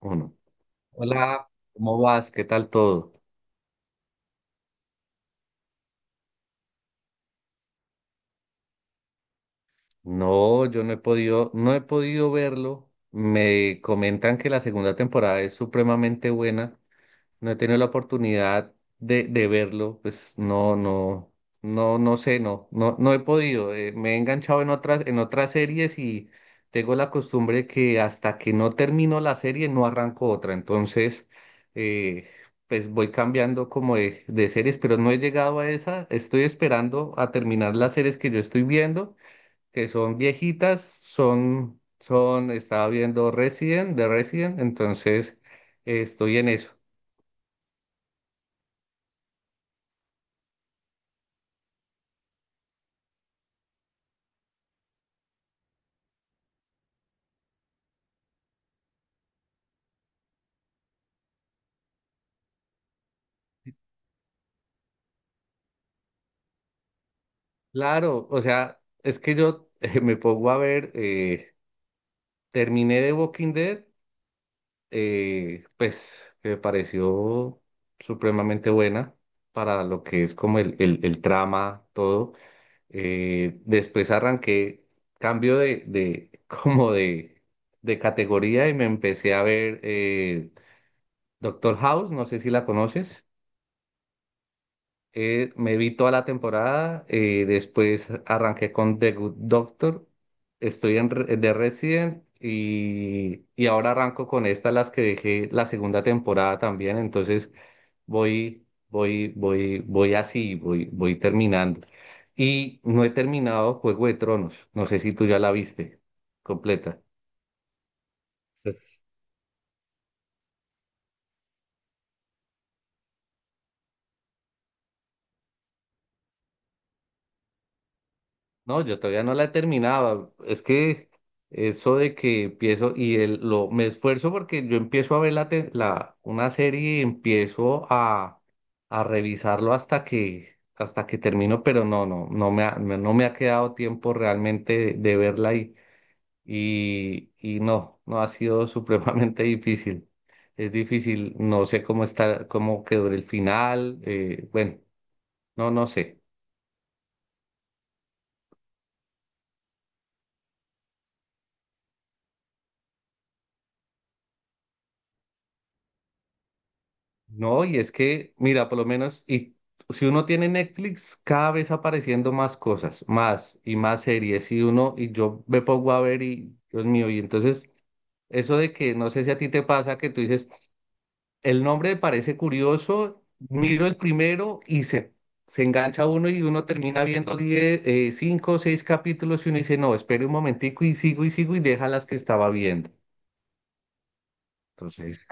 Uno. Hola, ¿cómo vas? ¿Qué tal todo? No, yo no he podido, no he podido verlo. Me comentan que la segunda temporada es supremamente buena. No he tenido la oportunidad de verlo, pues no, no, no, no sé, no, no, no he podido. Me he enganchado en otras series y tengo la costumbre que hasta que no termino la serie no arranco otra. Entonces, eh, pues voy cambiando como de series, pero no he llegado a esa. Estoy esperando a terminar las series que yo estoy viendo, que son viejitas, son, son, estaba viendo Resident, de Resident, entonces estoy en eso. Claro, o sea, es que yo me pongo a ver, terminé de Walking Dead, pues que me pareció supremamente buena para lo que es como el trama, todo. Después arranqué cambio de como de categoría y me empecé a ver Doctor House, no sé si la conoces. Me vi toda la temporada, después arranqué con The Good Doctor, estoy en The Resident y ahora arranco con esta, las que dejé la segunda temporada también, entonces voy así, voy terminando. Y no he terminado Juego de Tronos, no sé si tú ya la viste completa. Entonces, no, yo todavía no la he terminado. Es que eso de que empiezo y me esfuerzo porque yo empiezo a ver una serie y empiezo a revisarlo hasta que termino, pero no, no, no me ha, no me ha quedado tiempo realmente de verla y no, no ha sido supremamente difícil. Es difícil, no sé cómo está, cómo quedó el final, bueno, no, no sé. No, y es que, mira, por lo menos, y si uno tiene Netflix, cada vez apareciendo más cosas, más y más series, y uno, y yo me pongo a ver y, Dios mío, y entonces, eso de que, no sé si a ti te pasa, que tú dices, el nombre me parece curioso, miro el primero y se engancha uno y uno termina viendo 10 cinco o seis capítulos y uno dice, no, espere un momentico y sigo y sigo y deja las que estaba viendo. Entonces,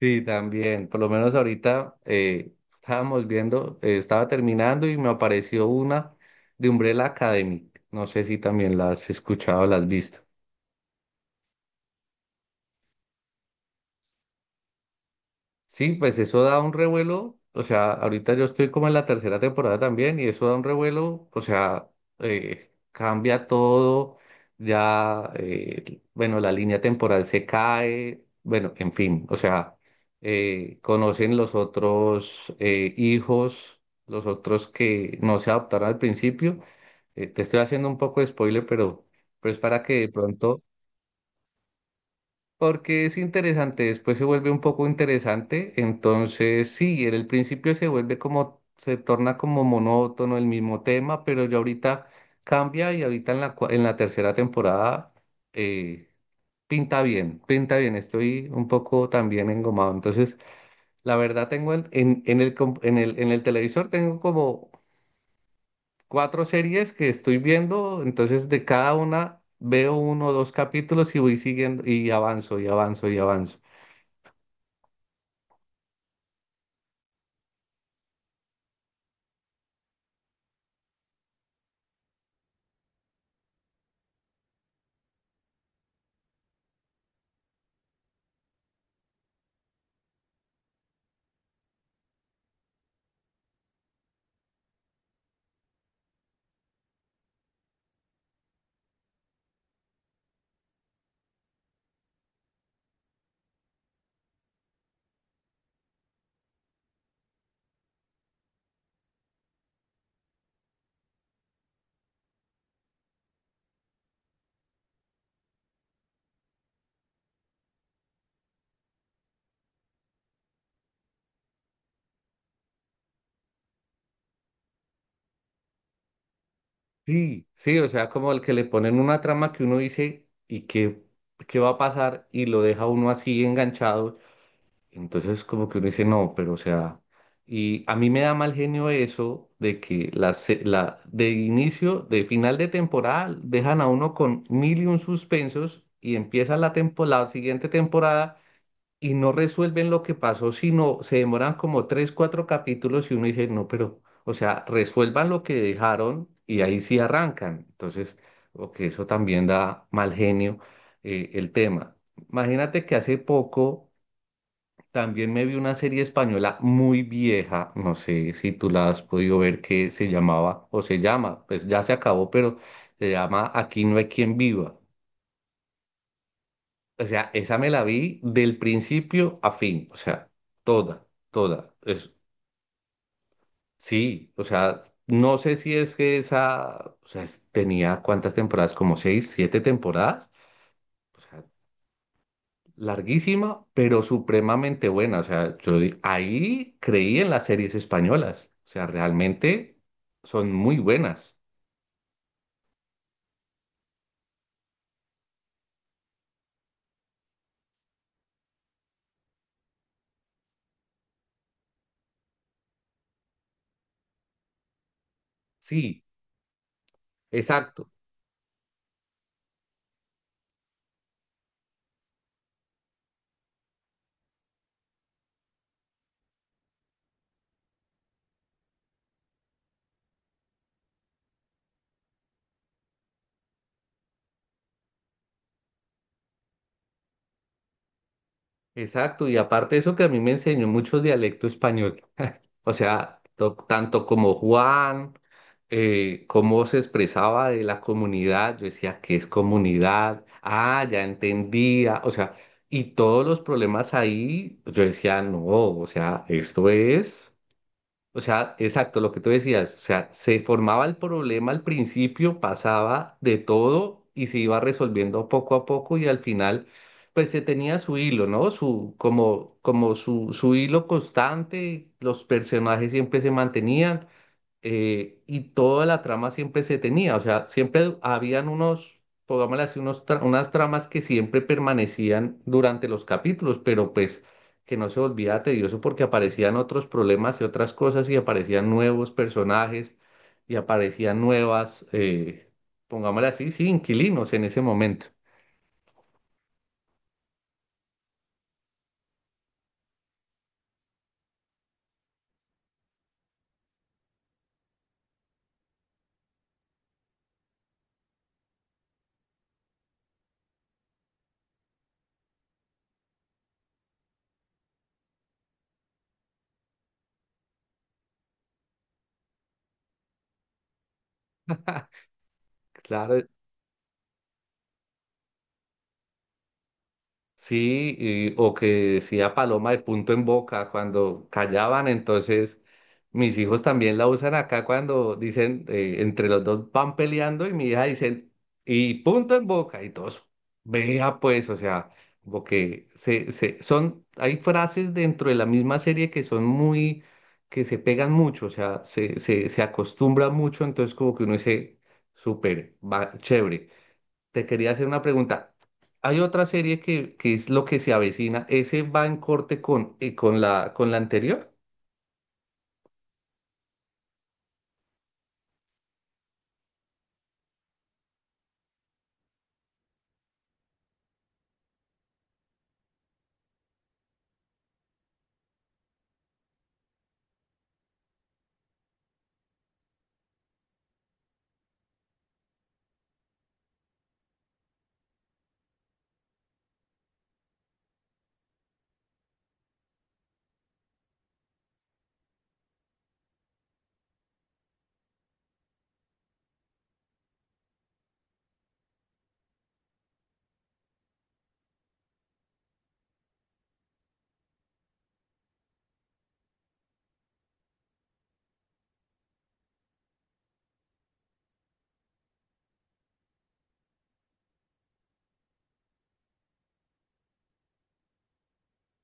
sí, también. Por lo menos ahorita estábamos viendo, estaba terminando y me apareció una de Umbrella Academy. No sé si también la has escuchado o la has visto. Sí, pues eso da un revuelo, o sea, ahorita yo estoy como en la tercera temporada también y eso da un revuelo, o sea, cambia todo, ya, bueno, la línea temporal se cae, bueno, en fin, o sea, conocen los otros hijos, los otros que no se adaptaron al principio. Te estoy haciendo un poco de spoiler, pero es para que de pronto porque es interesante, después se vuelve un poco interesante, entonces sí, en el principio se vuelve como, se torna como monótono el mismo tema, pero ya ahorita cambia y ahorita en la, en la tercera temporada eh, pinta bien, estoy un poco también engomado, entonces la verdad tengo en el, en el, en el televisor tengo como cuatro series que estoy viendo, entonces de cada una veo uno o dos capítulos y voy siguiendo y avanzo y avanzo y avanzo. Sí, sí, o sea, como el que le ponen una trama que uno dice y que qué va a pasar y lo deja uno así enganchado. Entonces como que uno dice, no, pero o sea, y a mí me da mal genio eso de que la, la de inicio, de final de temporada, dejan a uno con mil y un suspensos y empieza la temporada, la siguiente temporada y no resuelven lo que pasó, sino se demoran como tres, cuatro capítulos y uno dice, no, pero, o sea, resuelvan lo que dejaron y ahí sí arrancan. Entonces, o que eso también da mal genio el tema. Imagínate que hace poco también me vi una serie española muy vieja, no sé si tú la has podido ver, que se llamaba, o se llama, pues ya se acabó, pero se llama Aquí no hay quien viva. O sea, esa me la vi del principio a fin, o sea, toda, toda. Es, sí, o sea, no sé si es que esa, o sea, tenía cuántas temporadas, como seis, siete temporadas, o sea, larguísima, pero supremamente buena. O sea, yo ahí creí en las series españolas, o sea, realmente son muy buenas. Sí, exacto. Exacto, y aparte eso que a mí me enseñó mucho dialecto español, o sea, tanto como Juan, cómo se expresaba de la comunidad, yo decía, ¿qué es comunidad? Ah, ya entendía, o sea, y todos los problemas ahí, yo decía, no, o sea, esto es... O sea, exacto, lo que tú decías, o sea, se formaba el problema al principio, pasaba de todo y se iba resolviendo poco a poco y al final, pues se tenía su hilo, ¿no? Su, como, como su hilo constante, los personajes siempre se mantenían y toda la trama siempre se tenía, o sea, siempre habían unos, pongámosle así, unos unas tramas que siempre permanecían durante los capítulos, pero pues que no se volvía tedioso porque aparecían otros problemas y otras cosas y aparecían nuevos personajes y aparecían nuevas, pongámosle así, sí, inquilinos en ese momento. Claro, sí, y- o que decía paloma de punto en boca cuando callaban, entonces mis hijos también la usan acá cuando dicen, entre los dos van peleando y mi hija dicen, y punto en boca, y todos, vea pues, o sea, como que se, son, hay frases dentro de la misma serie que son muy, que se pegan mucho, o sea, se acostumbra mucho, entonces como que uno dice, súper, va, chévere. Te quería hacer una pregunta. Hay otra serie que es lo que se avecina. ¿Ese va en corte con la anterior?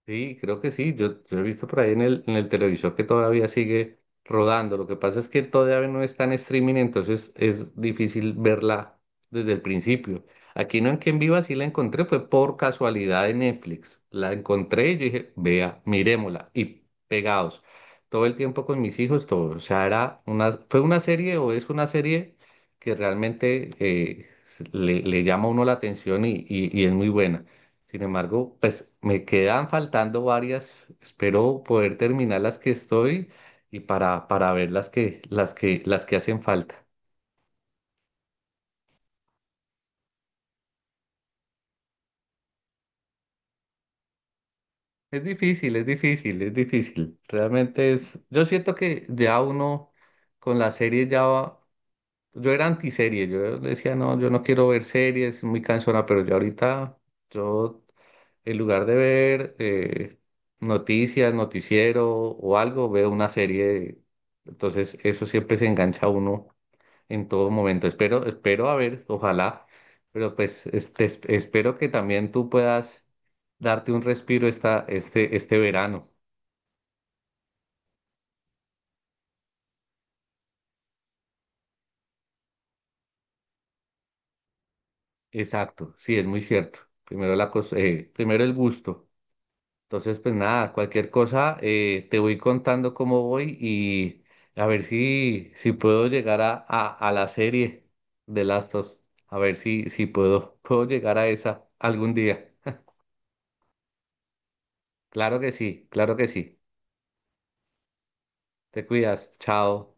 Sí, creo que sí. Yo he visto por ahí en el televisor que todavía sigue rodando. Lo que pasa es que todavía no está en streaming, entonces es difícil verla desde el principio. Aquí no en que en Viva sí la encontré, fue por casualidad en Netflix. La encontré y yo dije, vea, mirémosla. Y pegados. Todo el tiempo con mis hijos, todo. O sea, era una, fue una serie o es una serie que realmente le, le llama a uno la atención y, y es muy buena. Sin embargo, pues me quedan faltando varias. Espero poder terminar las que estoy y para ver las que, las que, las que hacen falta. Es difícil, es difícil, es difícil. Realmente es, yo siento que ya uno con la serie ya va. Yo era antiserie, yo decía, no, yo no quiero ver series, es muy cansona, pero yo ahorita, yo, en lugar de ver noticias, noticiero o algo, veo una serie, entonces eso siempre se engancha a uno en todo momento. Espero, espero a ver, ojalá, pero pues este, espero que también tú puedas darte un respiro esta, este verano. Exacto, sí, es muy cierto. Primero la primero el gusto. Entonces, pues nada, cualquier cosa, te voy contando cómo voy y a ver si, si puedo llegar a la serie de Lastos. A ver si, si puedo, puedo llegar a esa algún día. Claro que sí, claro que sí. Te cuidas. Chao.